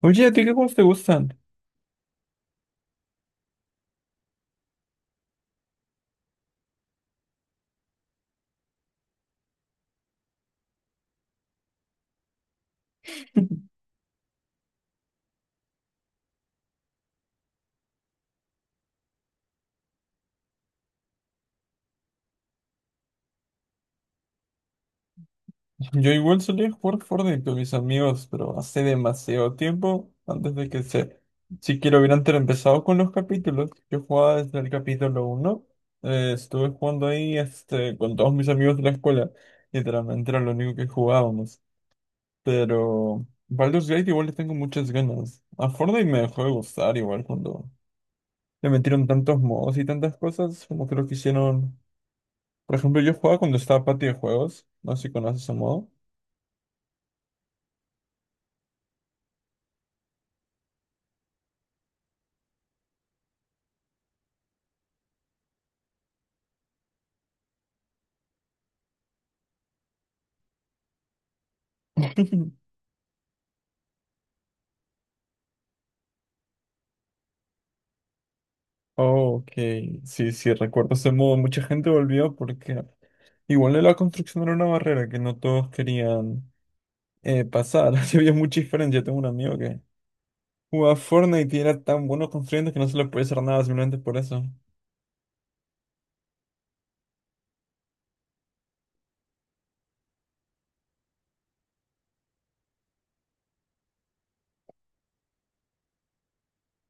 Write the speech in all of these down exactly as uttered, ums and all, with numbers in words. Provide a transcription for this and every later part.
Oye, ¿a ti qué juegos te gustan? Yo igual solía jugar Fortnite con mis amigos, pero hace demasiado tiempo antes de que se... Si quiero hubieran empezado con los capítulos. Yo jugaba desde el capítulo uno, eh, estuve jugando ahí este, con todos mis amigos de la escuela. Literalmente era lo único que jugábamos. Pero Baldur's Gate igual le tengo muchas ganas. A Fortnite me dejó de gustar igual cuando le metieron tantos modos y tantas cosas como creo que hicieron... Por ejemplo, yo jugaba cuando estaba Patio de Juegos. No sé si conoces ese modo. Ok, sí, sí, recuerdo ese modo. Mucha gente volvió porque igual de la construcción era una barrera que no todos querían eh, pasar. Así había mucha diferencia. Tengo un amigo que jugaba Fortnite y era tan bueno construyendo que no se le podía hacer nada simplemente por eso.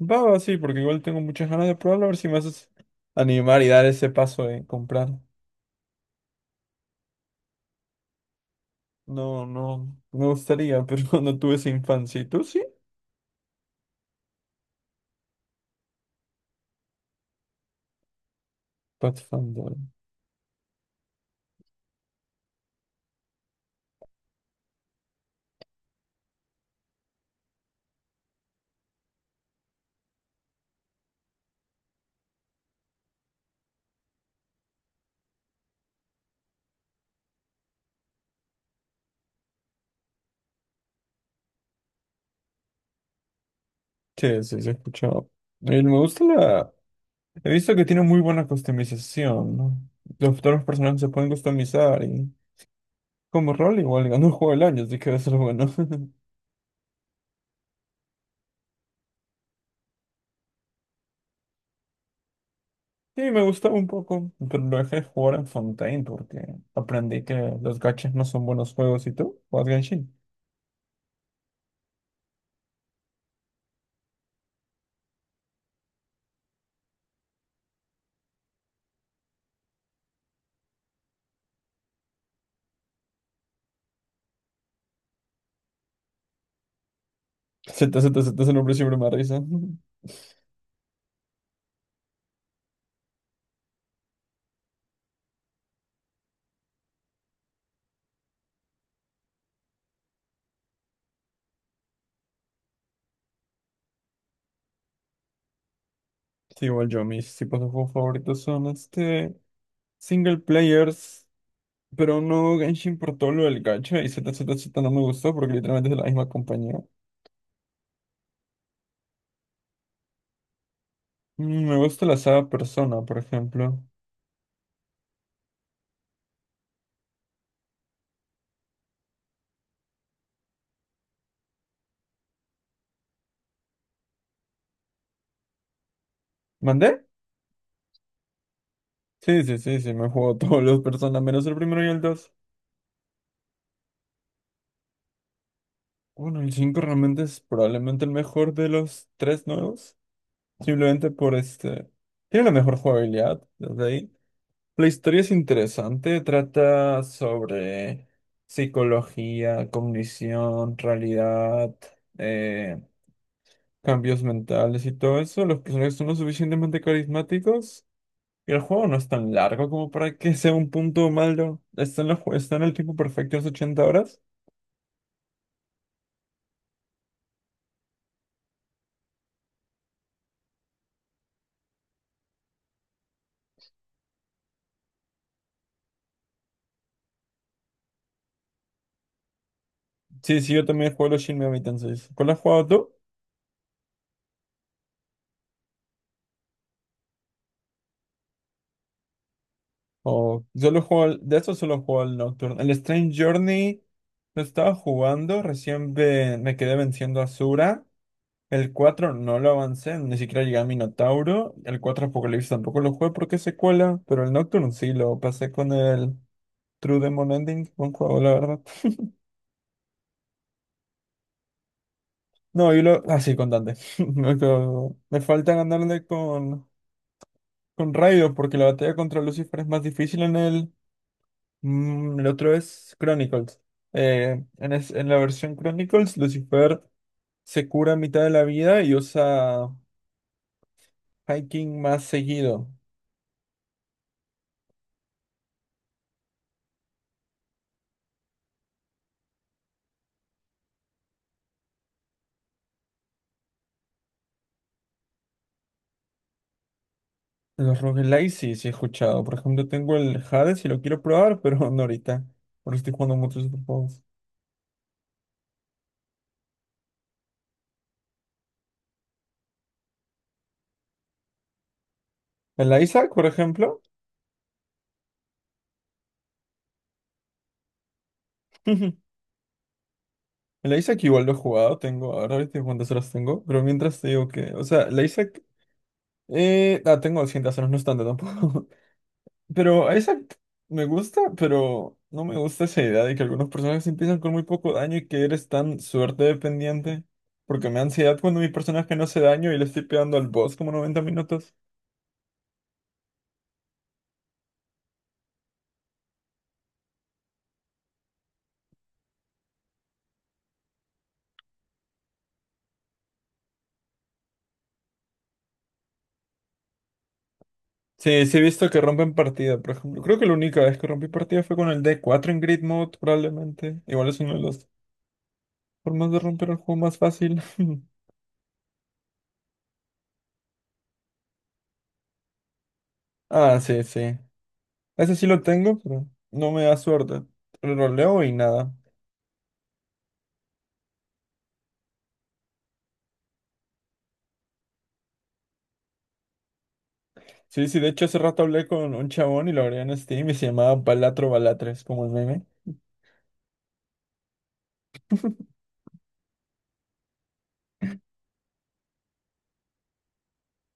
Va, va, sí, porque igual tengo muchas ganas de probarlo, a ver si me haces animar y dar ese paso de comprar. No, no, me gustaría, pero no tuve esa infancia. ¿Y tú sí? Pathfinder. Sí, sí, se escuchaba. Y me gusta la. He visto que tiene muy buena customización, ¿no? Los futuros personajes se pueden customizar y como rol igual ganó el juego del año, así que debe ser bueno. Sí, me gustaba un poco, pero lo dejé de jugar en Fontaine porque aprendí que los gachas no son buenos juegos y tú juegas Genshin. Z, Z, Z, ese nombre siempre me da risa. Sí, igual yo, mis tipos de juegos favoritos son este. Single players, pero no Genshin por todo lo del gacha y Z Z Z no me gustó porque literalmente es de la misma compañía. Mm, me gusta la saga Persona, por ejemplo. ¿Mandé? Sí, sí, sí, sí, me juego todos los Persona, menos el primero y el dos. Bueno, el cinco realmente es probablemente el mejor de los tres nuevos. Simplemente por este... Tiene la mejor jugabilidad, desde ahí. La historia es interesante, trata sobre psicología, cognición, realidad, eh, cambios mentales y todo eso, los personajes son lo suficientemente carismáticos y el juego no es tan largo como para que sea un punto malo. Está en, los jue- está en el tiempo perfecto, es ochenta horas. Sí, sí, yo también juego los Shin Megami Tensei. ¿Cuál has jugado tú? O solo juego, al- de eso solo juego al Nocturne. El Strange Journey lo estaba jugando, recién ve- me quedé venciendo a Sura. El cuatro no lo avancé, ni siquiera llegué a Minotauro. El cuatro Apocalipsis tampoco lo jugué porque es secuela, pero el Nocturne sí lo pasé con él. True Demon Ending, buen juego, la verdad. No, y lo. Ah, sí, con Dante. Me quedo- me falta ganarle con, con Raido, porque la batalla contra Lucifer es más difícil en el. Mm, el otro es Chronicles. Eh, en, es- en la versión Chronicles, Lucifer se cura a mitad de la vida y usa Hiking más seguido. Los roguelike sí, sí he escuchado. Por ejemplo, tengo el Hades y lo quiero probar, pero no ahorita. Porque estoy jugando muchos otros juegos. El Isaac, por ejemplo. La Isaac igual lo he jugado, tengo, ahora viste cuántas horas tengo, pero mientras te digo que, o sea, la Isaac, eh, ah, tengo doscientas horas, no es tanto tampoco, pero a Isaac me gusta, pero no me gusta esa idea de que algunos personajes empiezan con muy poco daño y que eres tan suerte dependiente, porque me da ansiedad cuando mi personaje no hace daño y le estoy pegando al boss como noventa minutos. Sí, sí he visto que rompen partida, por ejemplo, creo que la única vez que rompí partida fue con el d cuatro en Grid Mode, probablemente, igual es una de las formas de romper el juego más fácil. Ah, sí, sí. Ese sí lo tengo, pero no me da suerte. Lo leo y nada. Sí, sí, de hecho hace rato hablé con un chabón y lo agregué en Steam y se llamaba Balatro Balatres, como el meme.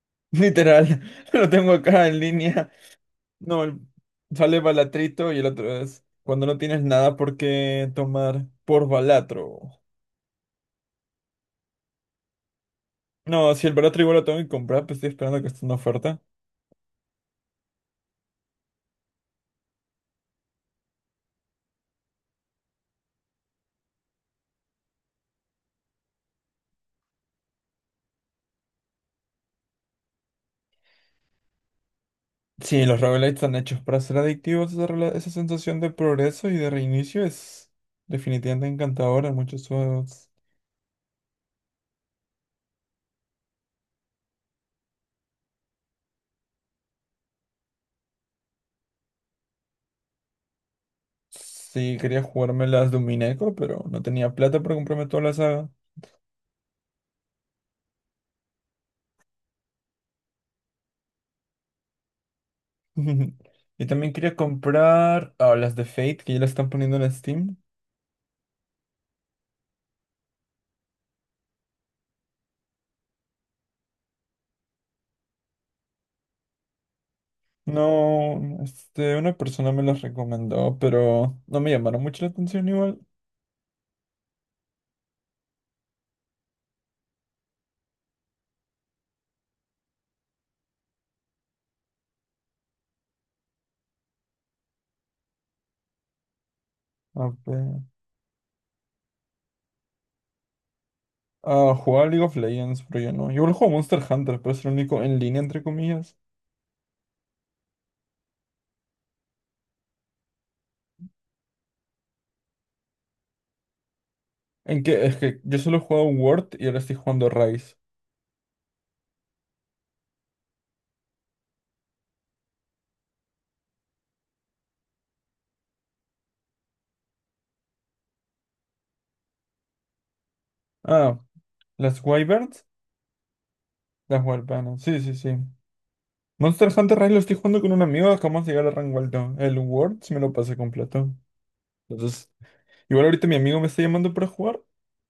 Literal, lo tengo acá en línea. No, el- sale Balatrito y el otro es cuando no tienes nada por qué tomar por Balatro. No, si el Balatro igual lo tengo que comprar, pues estoy esperando que esté en oferta. Sí, los roguelites están hechos para ser adictivos. Esa, rela- esa sensación de progreso y de reinicio es definitivamente encantadora en muchos juegos. Sí, quería jugarme las de un pero no tenía plata para comprarme toda la saga. Y también quería comprar ah, las de Fate, que ya las están poniendo en Steam. No, este, una persona me las recomendó, pero no me llamaron mucho la atención igual. A ver. Ah, jugaba League of Legends, pero yo no. Yo igual juego Monster Hunter, pero es el único en línea, entre comillas. ¿En qué? Es que yo solo he jugado Word y ahora estoy jugando Rise. Ah, las Wyverns, las Wyverns. Sí, sí, sí. Monster Hunter Rise lo estoy jugando con un amigo, acabamos de llegar a rango alto. El Word sí me lo pasé completo. Entonces, igual ahorita mi amigo me está llamando para jugar.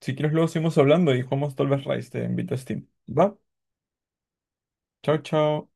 Si quieres luego seguimos hablando y jugamos tal vez Rise, te invito a Steam. Va, chao, chao.